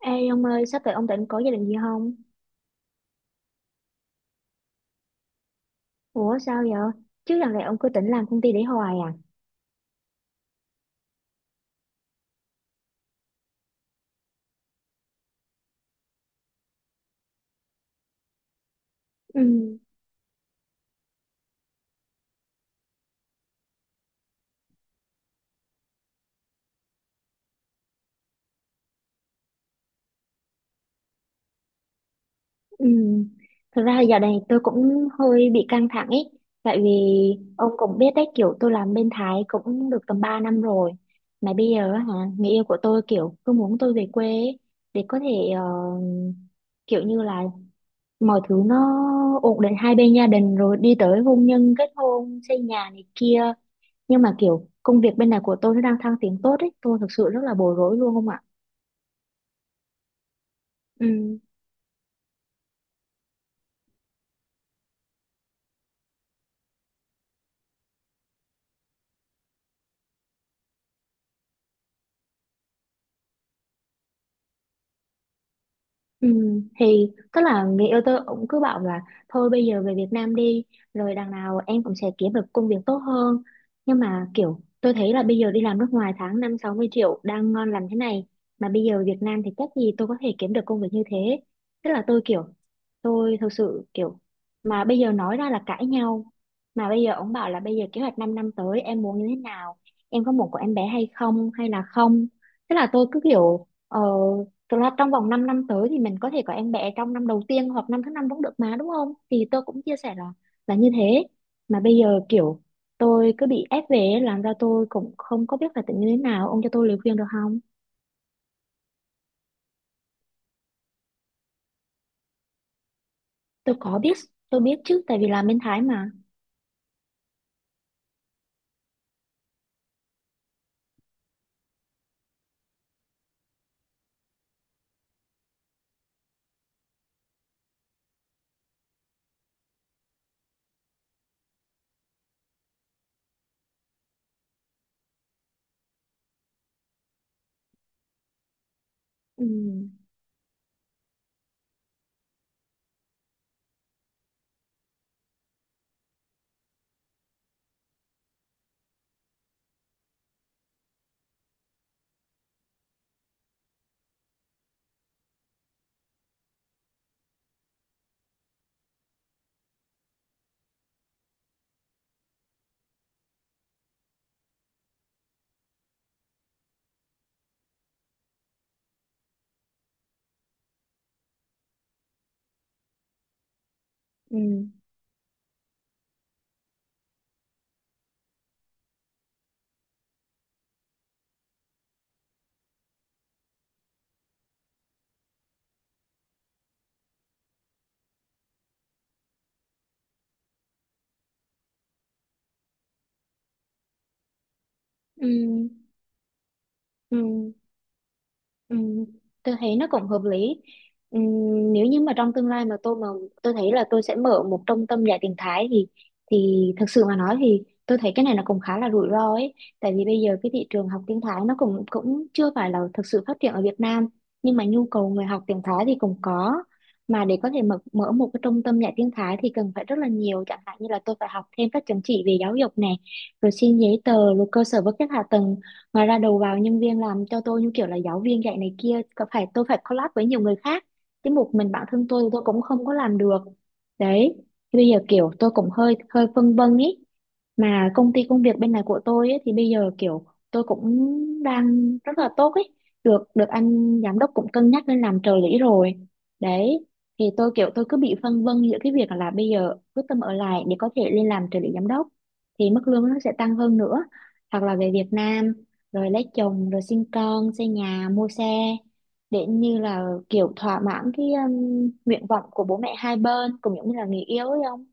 Ê ông ơi, sắp tới ông định có gia đình gì không? Ủa sao vậy? Chứ lần này ông cứ định làm công ty để hoài à? Ừ, ừ. Thực ra giờ này tôi cũng hơi bị căng thẳng ấy. Tại vì ông cũng biết đấy, kiểu tôi làm bên Thái cũng được tầm 3 năm rồi. Mà bây giờ á hả, người yêu của tôi kiểu cứ muốn tôi về quê ấy, để có thể kiểu như là mọi thứ nó ổn định hai bên gia đình rồi đi tới hôn nhân, kết hôn, xây nhà này kia, nhưng mà kiểu công việc bên này của tôi nó đang thăng tiến tốt ấy, tôi thực sự rất là bối rối luôn, không ạ? Ừ. Ừ, thì tức là người yêu tôi cũng cứ bảo là thôi bây giờ về Việt Nam đi, rồi đằng nào em cũng sẽ kiếm được công việc tốt hơn. Nhưng mà kiểu tôi thấy là bây giờ đi làm nước ngoài tháng 50-60 triệu đang ngon lành thế này, mà bây giờ Việt Nam thì chắc gì tôi có thể kiếm được công việc như thế. Tức là tôi kiểu, tôi thực sự kiểu, mà bây giờ nói ra là cãi nhau. Mà bây giờ ông bảo là bây giờ kế hoạch 5 năm, năm tới em muốn như thế nào, em có muốn có em bé hay không hay là không. Tức là tôi cứ kiểu Thực ra trong vòng 5 năm tới thì mình có thể có em bé trong năm đầu tiên hoặc năm thứ năm cũng được mà, đúng không? Thì tôi cũng chia sẻ là như thế. Mà bây giờ kiểu tôi cứ bị ép về ấy, làm ra tôi cũng không có biết phải tính như thế nào. Ông cho tôi lời khuyên được không? Tôi có biết, tôi biết chứ, tại vì là bên Thái mà. Ừ, ừ, ừ, ừ. Ừ, tôi thấy nó cũng hợp lý. Ừ, nếu như mà trong tương lai mà tôi thấy là tôi sẽ mở một trung tâm dạy tiếng Thái, thì thực sự mà nói thì tôi thấy cái này nó cũng khá là rủi ro ấy. Tại vì bây giờ cái thị trường học tiếng Thái nó cũng cũng chưa phải là thực sự phát triển ở Việt Nam, nhưng mà nhu cầu người học tiếng Thái thì cũng có. Mà để có thể mở mở một cái trung tâm dạy tiếng Thái thì cần phải rất là nhiều, chẳng hạn như là tôi phải học thêm các chứng chỉ về giáo dục này, rồi xin giấy tờ, rồi cơ sở vật chất hạ tầng, ngoài ra đầu vào nhân viên làm cho tôi như kiểu là giáo viên dạy này kia, có phải tôi phải collab với nhiều người khác, chứ một mình bản thân tôi thì tôi cũng không có làm được đấy. Thì bây giờ kiểu tôi cũng hơi hơi phân vân ý, mà công ty công việc bên này của tôi ấy, thì bây giờ kiểu tôi cũng đang rất là tốt ấy, được được anh giám đốc cũng cân nhắc lên làm trợ lý rồi đấy. Thì tôi kiểu tôi cứ bị phân vân giữa cái việc là bây giờ quyết tâm ở lại để có thể lên làm trợ lý giám đốc thì mức lương nó sẽ tăng hơn nữa, hoặc là về Việt Nam rồi lấy chồng rồi sinh con xây nhà mua xe để như là kiểu thỏa mãn cái nguyện vọng của bố mẹ hai bên cũng giống như là người yêu ấy không.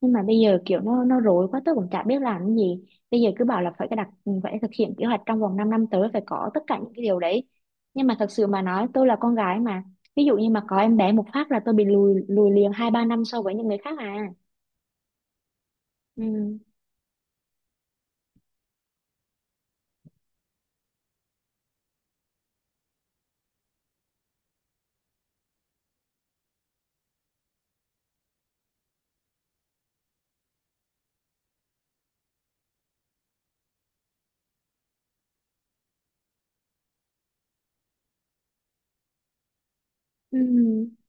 Nhưng mà bây giờ kiểu nó rối quá, tớ cũng chả biết làm cái gì. Bây giờ cứ bảo là phải cái đặt, phải thực hiện kế hoạch trong vòng 5 năm tới, phải có tất cả những cái điều đấy. Nhưng mà thật sự mà nói tôi là con gái mà, ví dụ như mà có em bé một phát là tôi bị lùi lùi liền 2-3 năm so với những người khác à. Ừ, ừ,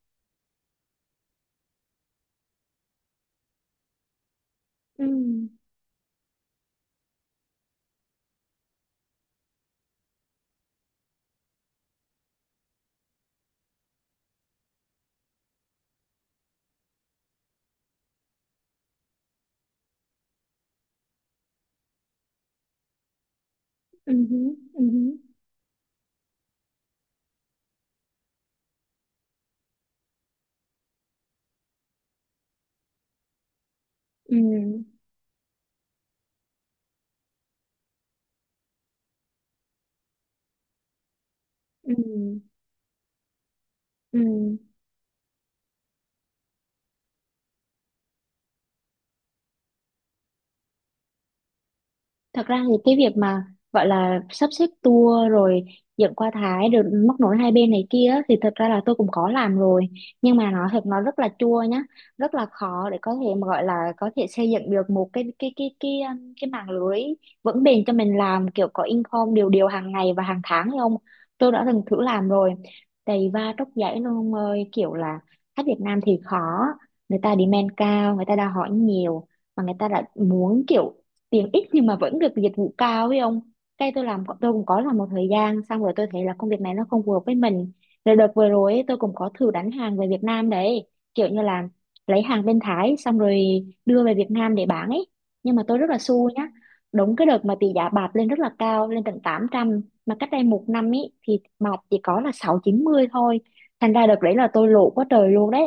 ừ, ừ, ừ, ừ, ừ, ừ, ừ. Thật ra thì cái việc mà gọi là sắp xếp tour rồi dẫn qua Thái rồi móc nối hai bên này kia á, thì thật ra là tôi cũng có làm rồi, nhưng mà nó thật nó rất là chua nhá, rất là khó để có thể mà gọi là có thể xây dựng được một cái mạng lưới vững bền cho mình làm kiểu có income đều đều hàng ngày và hàng tháng hay không. Tôi đã từng thử làm rồi đầy va tróc giấy luôn ông ơi, kiểu là khách Việt Nam thì khó, người ta demand cao, người ta đã hỏi nhiều, mà người ta đã muốn kiểu tiền ít nhưng mà vẫn được dịch vụ cao ấy ông, cái tôi làm tôi cũng có làm một thời gian xong rồi tôi thấy là công việc này nó không phù hợp với mình. Rồi đợt vừa rồi ấy, tôi cũng có thử đánh hàng về Việt Nam đấy, kiểu như là lấy hàng bên Thái xong rồi đưa về Việt Nam để bán ấy, nhưng mà tôi rất là xui nhá, đúng cái đợt mà tỷ giá bạc lên rất là cao, lên tận 800, mà cách đây một năm ấy thì bạc chỉ có là 690 thôi, thành ra đợt đấy là tôi lỗ quá trời luôn đấy,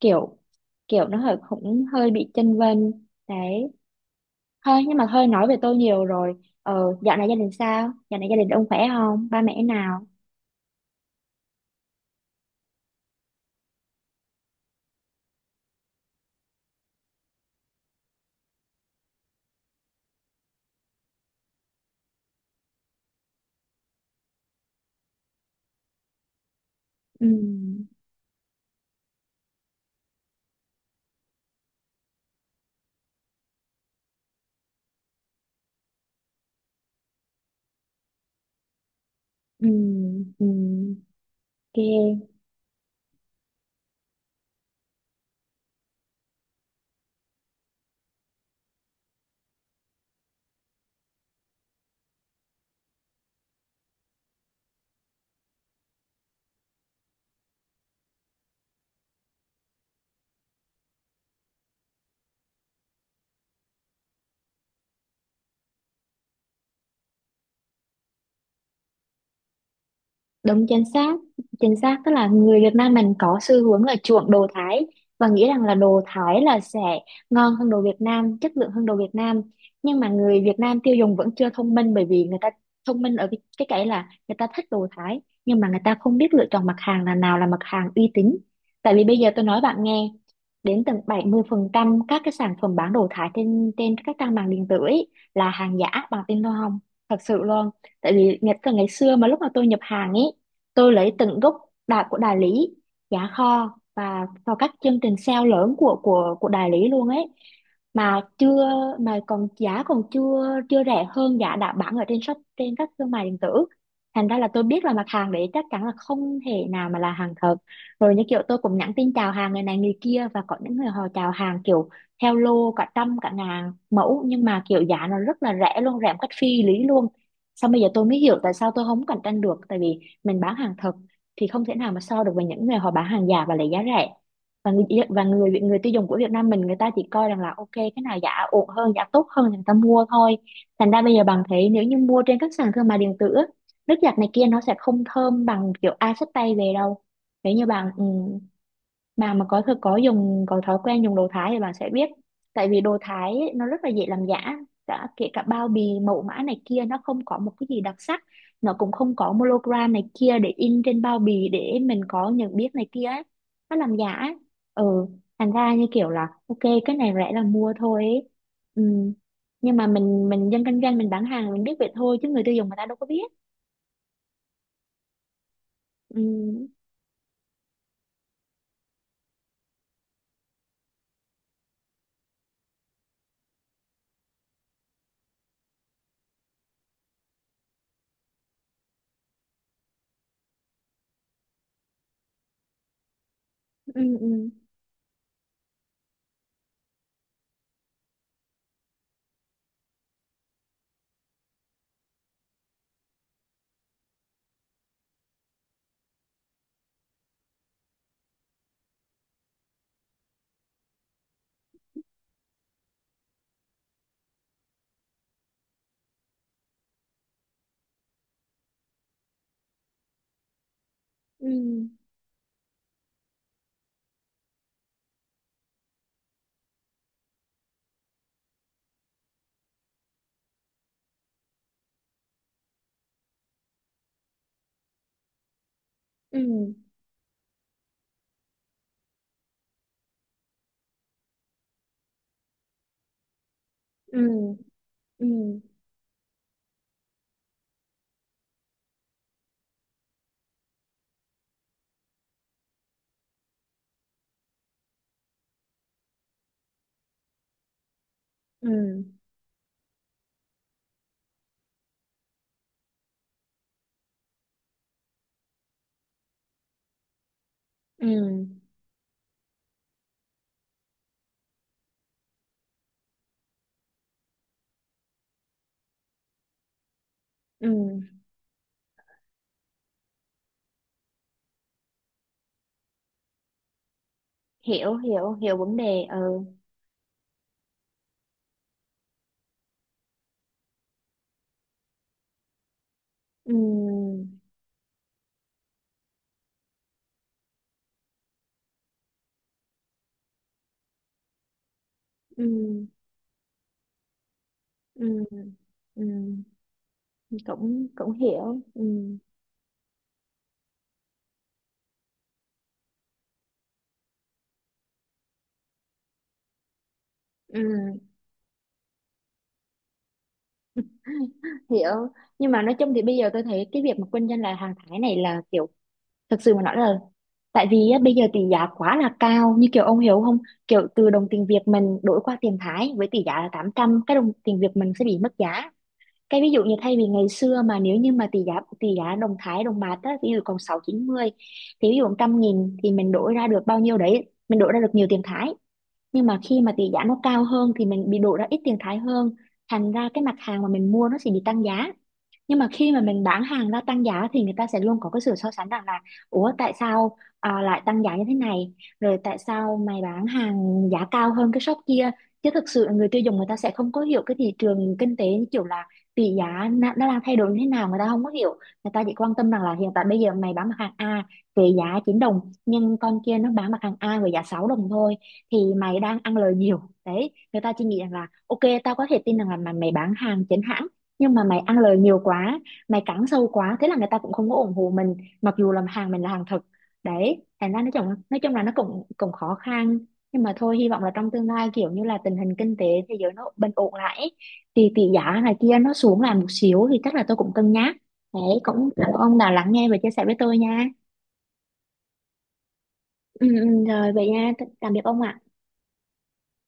kiểu kiểu nó hơi cũng hơi bị chênh vênh đấy. Thôi nhưng mà thôi nói về tôi nhiều rồi. Ờ, dạo này gia đình sao? Dạo này gia đình ông khỏe không? Ba mẹ nào? Ừ, ừ, ừ. Ok. Đúng chính xác, chính xác, tức là người Việt Nam mình có xu hướng là chuộng đồ Thái và nghĩ rằng là đồ Thái là sẽ ngon hơn đồ Việt Nam, chất lượng hơn đồ Việt Nam. Nhưng mà người Việt Nam tiêu dùng vẫn chưa thông minh, bởi vì người ta thông minh ở cái là người ta thích đồ Thái nhưng mà người ta không biết lựa chọn mặt hàng là nào là mặt hàng uy tín. Tại vì bây giờ tôi nói bạn nghe, đến tận 70% các cái sản phẩm bán đồ Thái trên trên các trang mạng điện tử ấy là hàng giả, bằng tin tôi không? Thật sự luôn, tại vì ngày cả ngày xưa mà lúc mà tôi nhập hàng ấy, tôi lấy từng gốc đà của đại lý giá kho và vào các chương trình sale lớn của đại lý luôn ấy, mà chưa, mà còn giá còn chưa chưa rẻ hơn giá đã bán ở trên shop trên các thương mại điện tử, thành ra là tôi biết là mặt hàng đấy chắc chắn là không thể nào mà là hàng thật. Rồi như kiểu tôi cũng nhắn tin chào hàng người này người kia, và có những người họ chào hàng kiểu theo lô cả trăm cả ngàn mẫu, nhưng mà kiểu giá nó rất là rẻ luôn, rẻ một cách phi lý luôn. Xong bây giờ tôi mới hiểu tại sao tôi không cạnh tranh được, tại vì mình bán hàng thật thì không thể nào mà so được với những người họ bán hàng giả và lấy giá rẻ, và người người tiêu dùng của Việt Nam mình người ta chỉ coi rằng là ok cái nào giá ổn hơn giá tốt hơn thì người ta mua thôi. Thành ra bây giờ bạn thấy nếu như mua trên các sàn thương mại điện tử á, nước giặt này kia nó sẽ không thơm bằng kiểu ai xách tay về đâu. Nếu như bạn mà có thực có dùng có thói quen dùng đồ Thái thì bạn sẽ biết. Tại vì đồ Thái ấy, nó rất là dễ làm giả, kể cả bao bì mẫu mã này kia nó không có một cái gì đặc sắc, nó cũng không có monogram này kia để in trên bao bì để mình có nhận biết này kia ấy. Nó làm giả ấy. Ừ. Thành ra như kiểu là ok, cái này rẻ là mua thôi ấy. Ừ. Nhưng mà mình dân kinh doanh mình bán hàng mình biết vậy thôi, chứ người tiêu dùng người ta đâu có biết. Ừ, ừ, ừ, ừ, ừ, ừ, ừ, ừ, ừ, ừ. Hiểu hiểu hiểu vấn đề. Ừ, ừ, ừ, ừ, ừ, cũng cũng hiểu. Ừ, ừ. Hiểu. Nhưng mà nói chung thì bây giờ tôi thấy cái việc mà kinh doanh là hàng Thái này là kiểu, thực sự mà nói là tại vì á, bây giờ tỷ giá quá là cao, như kiểu ông hiểu không, kiểu từ đồng tiền Việt mình đổi qua tiền Thái với tỷ giá là 800 cái đồng tiền Việt mình sẽ bị mất giá. Cái ví dụ như thay vì ngày xưa mà nếu như mà tỷ giá đồng Thái đồng bạc á ví dụ còn 690, thì ví dụ 100.000 thì mình đổi ra được bao nhiêu đấy, mình đổi ra được nhiều tiền Thái. Nhưng mà khi mà tỷ giá nó cao hơn thì mình bị đổ ra ít tiền thái hơn, thành ra cái mặt hàng mà mình mua nó sẽ bị tăng giá. Nhưng mà khi mà mình bán hàng ra tăng giá thì người ta sẽ luôn có cái sự so sánh rằng là ủa tại sao à, lại tăng giá như thế này, rồi tại sao mày bán hàng giá cao hơn cái shop kia, chứ thực sự người tiêu dùng người ta sẽ không có hiểu cái thị trường kinh tế, như kiểu là tỷ giá nó đang thay đổi như thế nào người ta không có hiểu. Người ta chỉ quan tâm rằng là hiện tại bây giờ mày bán mặt hàng A về giá 9 đồng, nhưng con kia nó bán mặt hàng A với giá 6 đồng thôi thì mày đang ăn lời nhiều đấy. Người ta chỉ nghĩ rằng là ok tao có thể tin rằng là mà mày bán hàng chính hãng, nhưng mà mày ăn lời nhiều quá, mày cắn sâu quá, thế là người ta cũng không có ủng hộ mình, mặc dù là hàng mình là hàng thật đấy. Thành ra nói chung là nó cũng cũng khó khăn. Nhưng mà thôi hy vọng là trong tương lai kiểu như là tình hình kinh tế thế giới nó bình ổn lại ấy, thì tỷ giá này kia nó xuống lại một xíu thì chắc là tôi cũng cân nhắc đấy. Cũng cảm ơn ông đã lắng nghe và chia sẻ với tôi nha. Ừ, ừ, rồi vậy nha, tạm biệt ông ạ.